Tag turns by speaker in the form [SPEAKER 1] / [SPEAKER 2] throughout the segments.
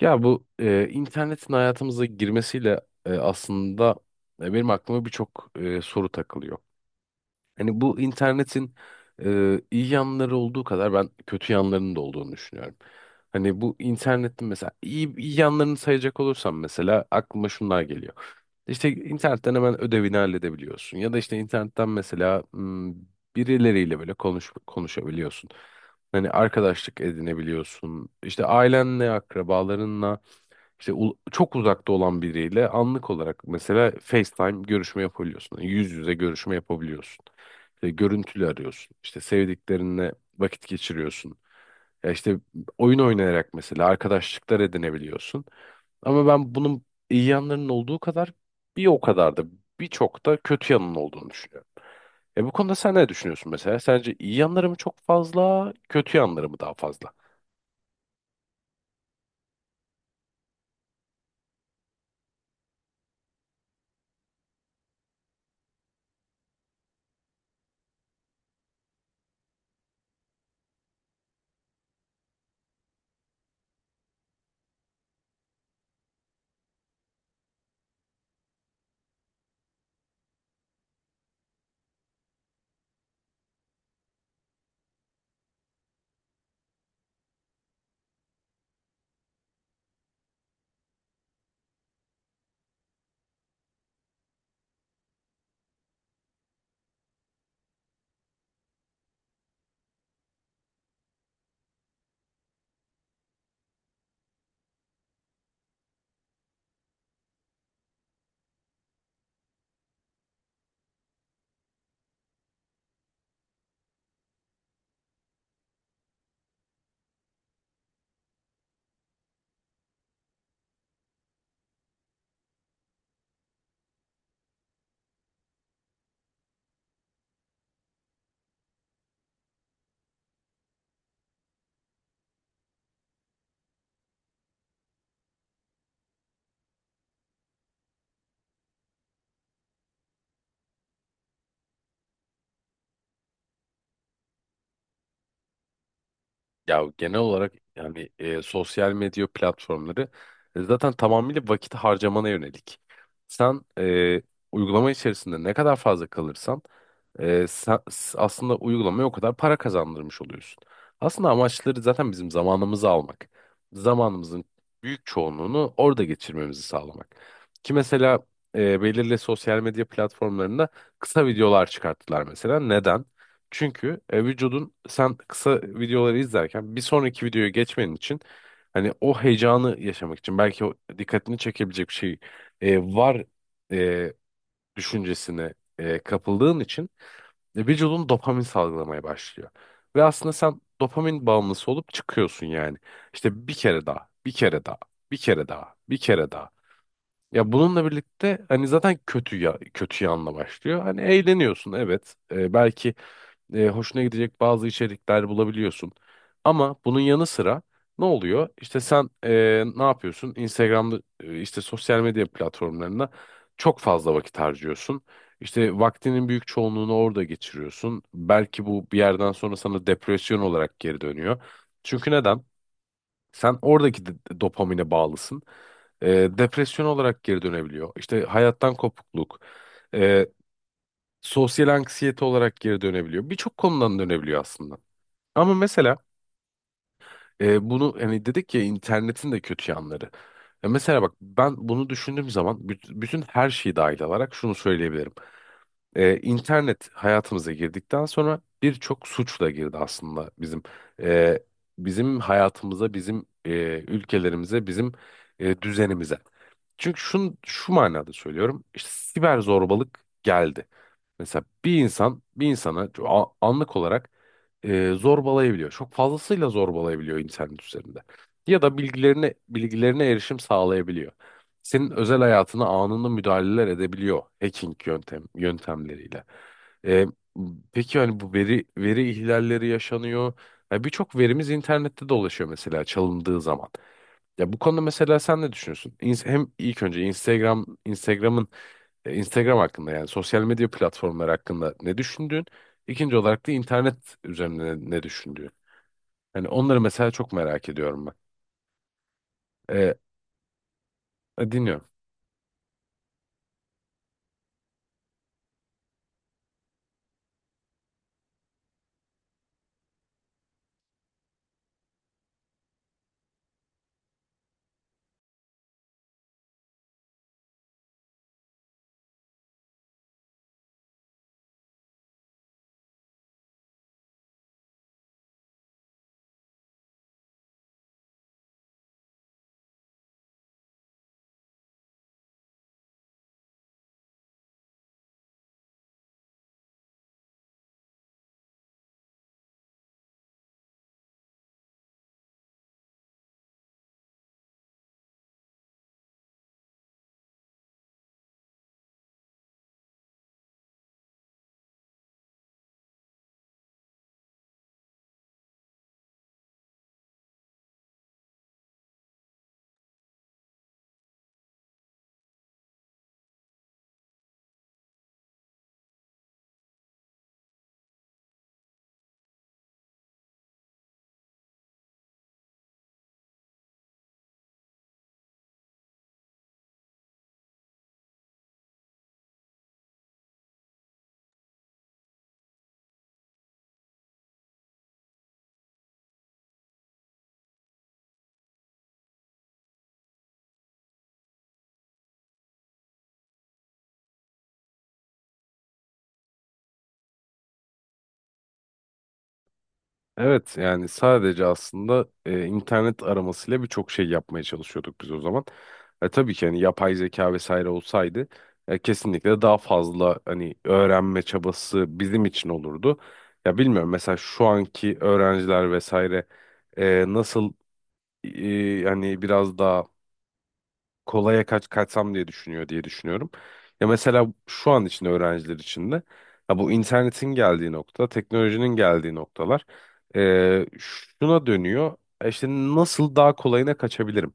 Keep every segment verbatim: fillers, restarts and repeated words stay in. [SPEAKER 1] Ya bu e, internetin hayatımıza girmesiyle e, aslında e, benim aklıma birçok e, soru takılıyor. Hani bu internetin e, iyi yanları olduğu kadar ben kötü yanlarının da olduğunu düşünüyorum. Hani bu internetin mesela iyi, iyi yanlarını sayacak olursam mesela aklıma şunlar geliyor. İşte internetten hemen ödevini halledebiliyorsun ya da işte internetten mesela m, birileriyle böyle konuş, konuşabiliyorsun. Hani arkadaşlık edinebiliyorsun. İşte ailenle, akrabalarınla işte u- çok uzakta olan biriyle anlık olarak mesela FaceTime görüşme yapabiliyorsun. Yani yüz yüze görüşme yapabiliyorsun. İşte görüntülü arıyorsun. İşte sevdiklerinle vakit geçiriyorsun. Ya işte oyun oynayarak mesela arkadaşlıklar edinebiliyorsun. Ama ben bunun iyi yanlarının olduğu kadar bir o kadar da birçok da kötü yanının olduğunu düşünüyorum. E bu konuda sen ne düşünüyorsun mesela? Sence iyi yanları mı çok fazla, kötü yanları mı daha fazla? Ya genel olarak yani e, sosyal medya platformları e, zaten tamamıyla vakit harcamana yönelik. Sen e, uygulama içerisinde ne kadar fazla kalırsan ee, sa- s- aslında uygulamaya o kadar para kazandırmış oluyorsun. Aslında amaçları zaten bizim zamanımızı almak. Zamanımızın büyük çoğunluğunu orada geçirmemizi sağlamak. Ki mesela e, belirli sosyal medya platformlarında kısa videolar çıkarttılar mesela. Neden? Çünkü e, vücudun sen kısa videoları izlerken bir sonraki videoya geçmenin için hani o heyecanı yaşamak için belki o dikkatini çekebilecek bir şey e, var düşüncesine e, kapıldığın için e, vücudun dopamin salgılamaya başlıyor. Ve aslında sen dopamin bağımlısı olup çıkıyorsun yani. İşte bir kere daha, bir kere daha, bir kere daha, bir kere daha. Ya bununla birlikte hani zaten kötü ya kötü yanla başlıyor. Hani eğleniyorsun, evet. E, belki e, hoşuna gidecek bazı içerikler bulabiliyorsun. Ama bunun yanı sıra ne oluyor? İşte sen e, ne yapıyorsun? Instagram'da, e, işte sosyal medya platformlarında çok fazla vakit harcıyorsun. İşte vaktinin büyük çoğunluğunu orada geçiriyorsun. Belki bu bir yerden sonra sana depresyon olarak geri dönüyor. Çünkü neden? Sen oradaki d- dopamine bağlısın. E, depresyon olarak geri dönebiliyor. İşte hayattan kopukluk. e, Sosyal anksiyete olarak geri dönebiliyor. Birçok konudan dönebiliyor aslında. Ama mesela e, bunu hani dedik ya, internetin de kötü yanları. Ya mesela bak, ben bunu düşündüğüm zaman büt- bütün her şeyi dahil alarak şunu söyleyebilirim. E, internet hayatımıza girdikten sonra birçok suçla girdi aslında bizim e, bizim hayatımıza, bizim e, ülkelerimize, bizim e, düzenimize. Çünkü şun, şu manada söylüyorum. İşte siber zorbalık geldi. Mesela bir insan bir insana a- anlık olarak e, zorbalayabiliyor. Çok fazlasıyla zorbalayabiliyor internet üzerinde. Ya da bilgilerine bilgilerine erişim sağlayabiliyor. Senin özel hayatına anında müdahaleler edebiliyor hacking yöntem yöntemleriyle. E, peki hani bu veri veri ihlalleri yaşanıyor. Ya birçok verimiz internette dolaşıyor mesela çalındığı zaman. Ya bu konuda mesela sen ne düşünüyorsun? İns- Hem ilk önce Instagram, Instagram'ın e, Instagram hakkında, yani sosyal medya platformları hakkında ne düşündüğün? İkinci olarak da internet üzerinde ne, ne düşündüğün? Hani onları mesela çok merak ediyorum ben. E, dinliyorum. Evet, yani sadece aslında e, internet aramasıyla birçok şey yapmaya çalışıyorduk biz o zaman. E, tabii ki hani yapay zeka vesaire olsaydı e, kesinlikle daha fazla hani öğrenme çabası bizim için olurdu. Ya bilmiyorum, mesela şu anki öğrenciler vesaire e, nasıl e, hani biraz daha kolaya kaç kaçsam diye düşünüyor diye düşünüyorum. Ya mesela şu an için öğrenciler için de ya bu internetin geldiği nokta, teknolojinin geldiği noktalar eee, şuna dönüyor. E, İşte nasıl daha kolayına kaçabilirim?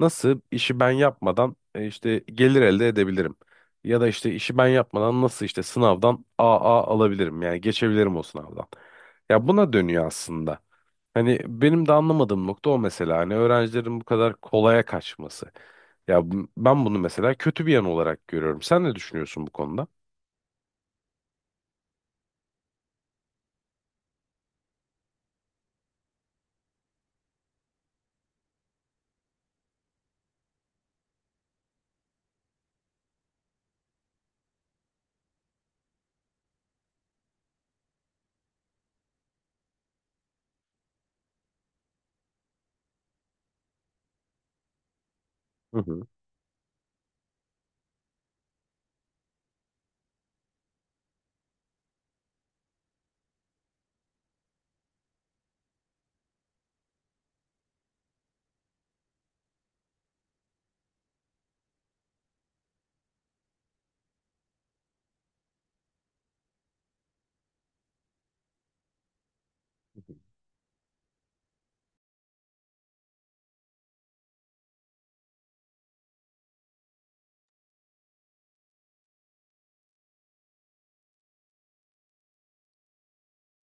[SPEAKER 1] Nasıl işi ben yapmadan e, işte gelir elde edebilirim? Ya da işte işi ben yapmadan nasıl işte sınavdan A A alabilirim? Yani geçebilirim o sınavdan. Ya buna dönüyor aslında. Hani benim de anlamadığım nokta o mesela. Hani öğrencilerin bu kadar kolaya kaçması. Ya bu- ben bunu mesela kötü bir yan olarak görüyorum. Sen ne düşünüyorsun bu konuda? Hı hı.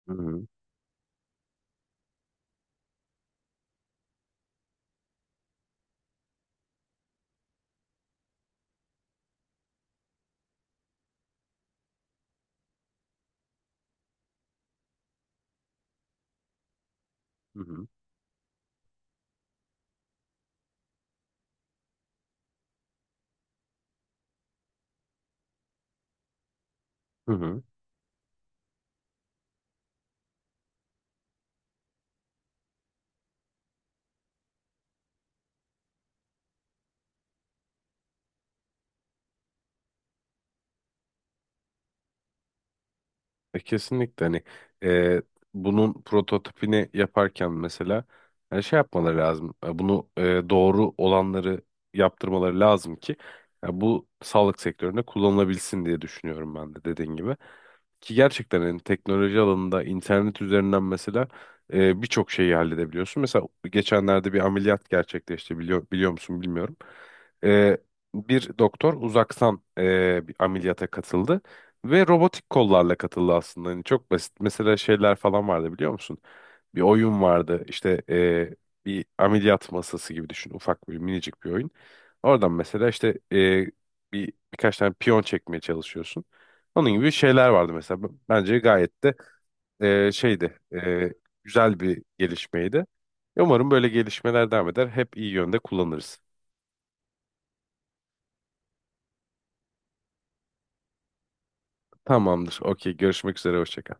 [SPEAKER 1] Hı hı. Hı hı. Hı hı. E, kesinlikle hani e, bunun prototipini yaparken mesela e, şey yapmaları lazım. E, bunu e, doğru olanları yaptırmaları lazım ki e, bu sağlık sektöründe kullanılabilsin diye düşünüyorum ben de dediğin gibi. Ki gerçekten hani teknoloji alanında internet üzerinden mesela e, birçok şeyi halledebiliyorsun. Mesela geçenlerde bir ameliyat gerçekleşti, biliyor, biliyor musun bilmiyorum. E, bir doktor uzaktan e, bir ameliyata katıldı. Ve robotik kollarla katıldı aslında. Hani çok basit. Mesela şeyler falan vardı, biliyor musun? Bir oyun vardı. İşte eee, bir ameliyat masası gibi düşün. Ufak bir minicik bir oyun. Oradan mesela işte eee, bir birkaç tane piyon çekmeye çalışıyorsun. Onun gibi şeyler vardı mesela. B- Bence gayet de eee, şeydi. Eee, güzel bir gelişmeydi. Umarım böyle gelişmeler devam eder. Hep iyi yönde kullanırız. Tamamdır. Okey. Görüşmek üzere. Hoşça kal.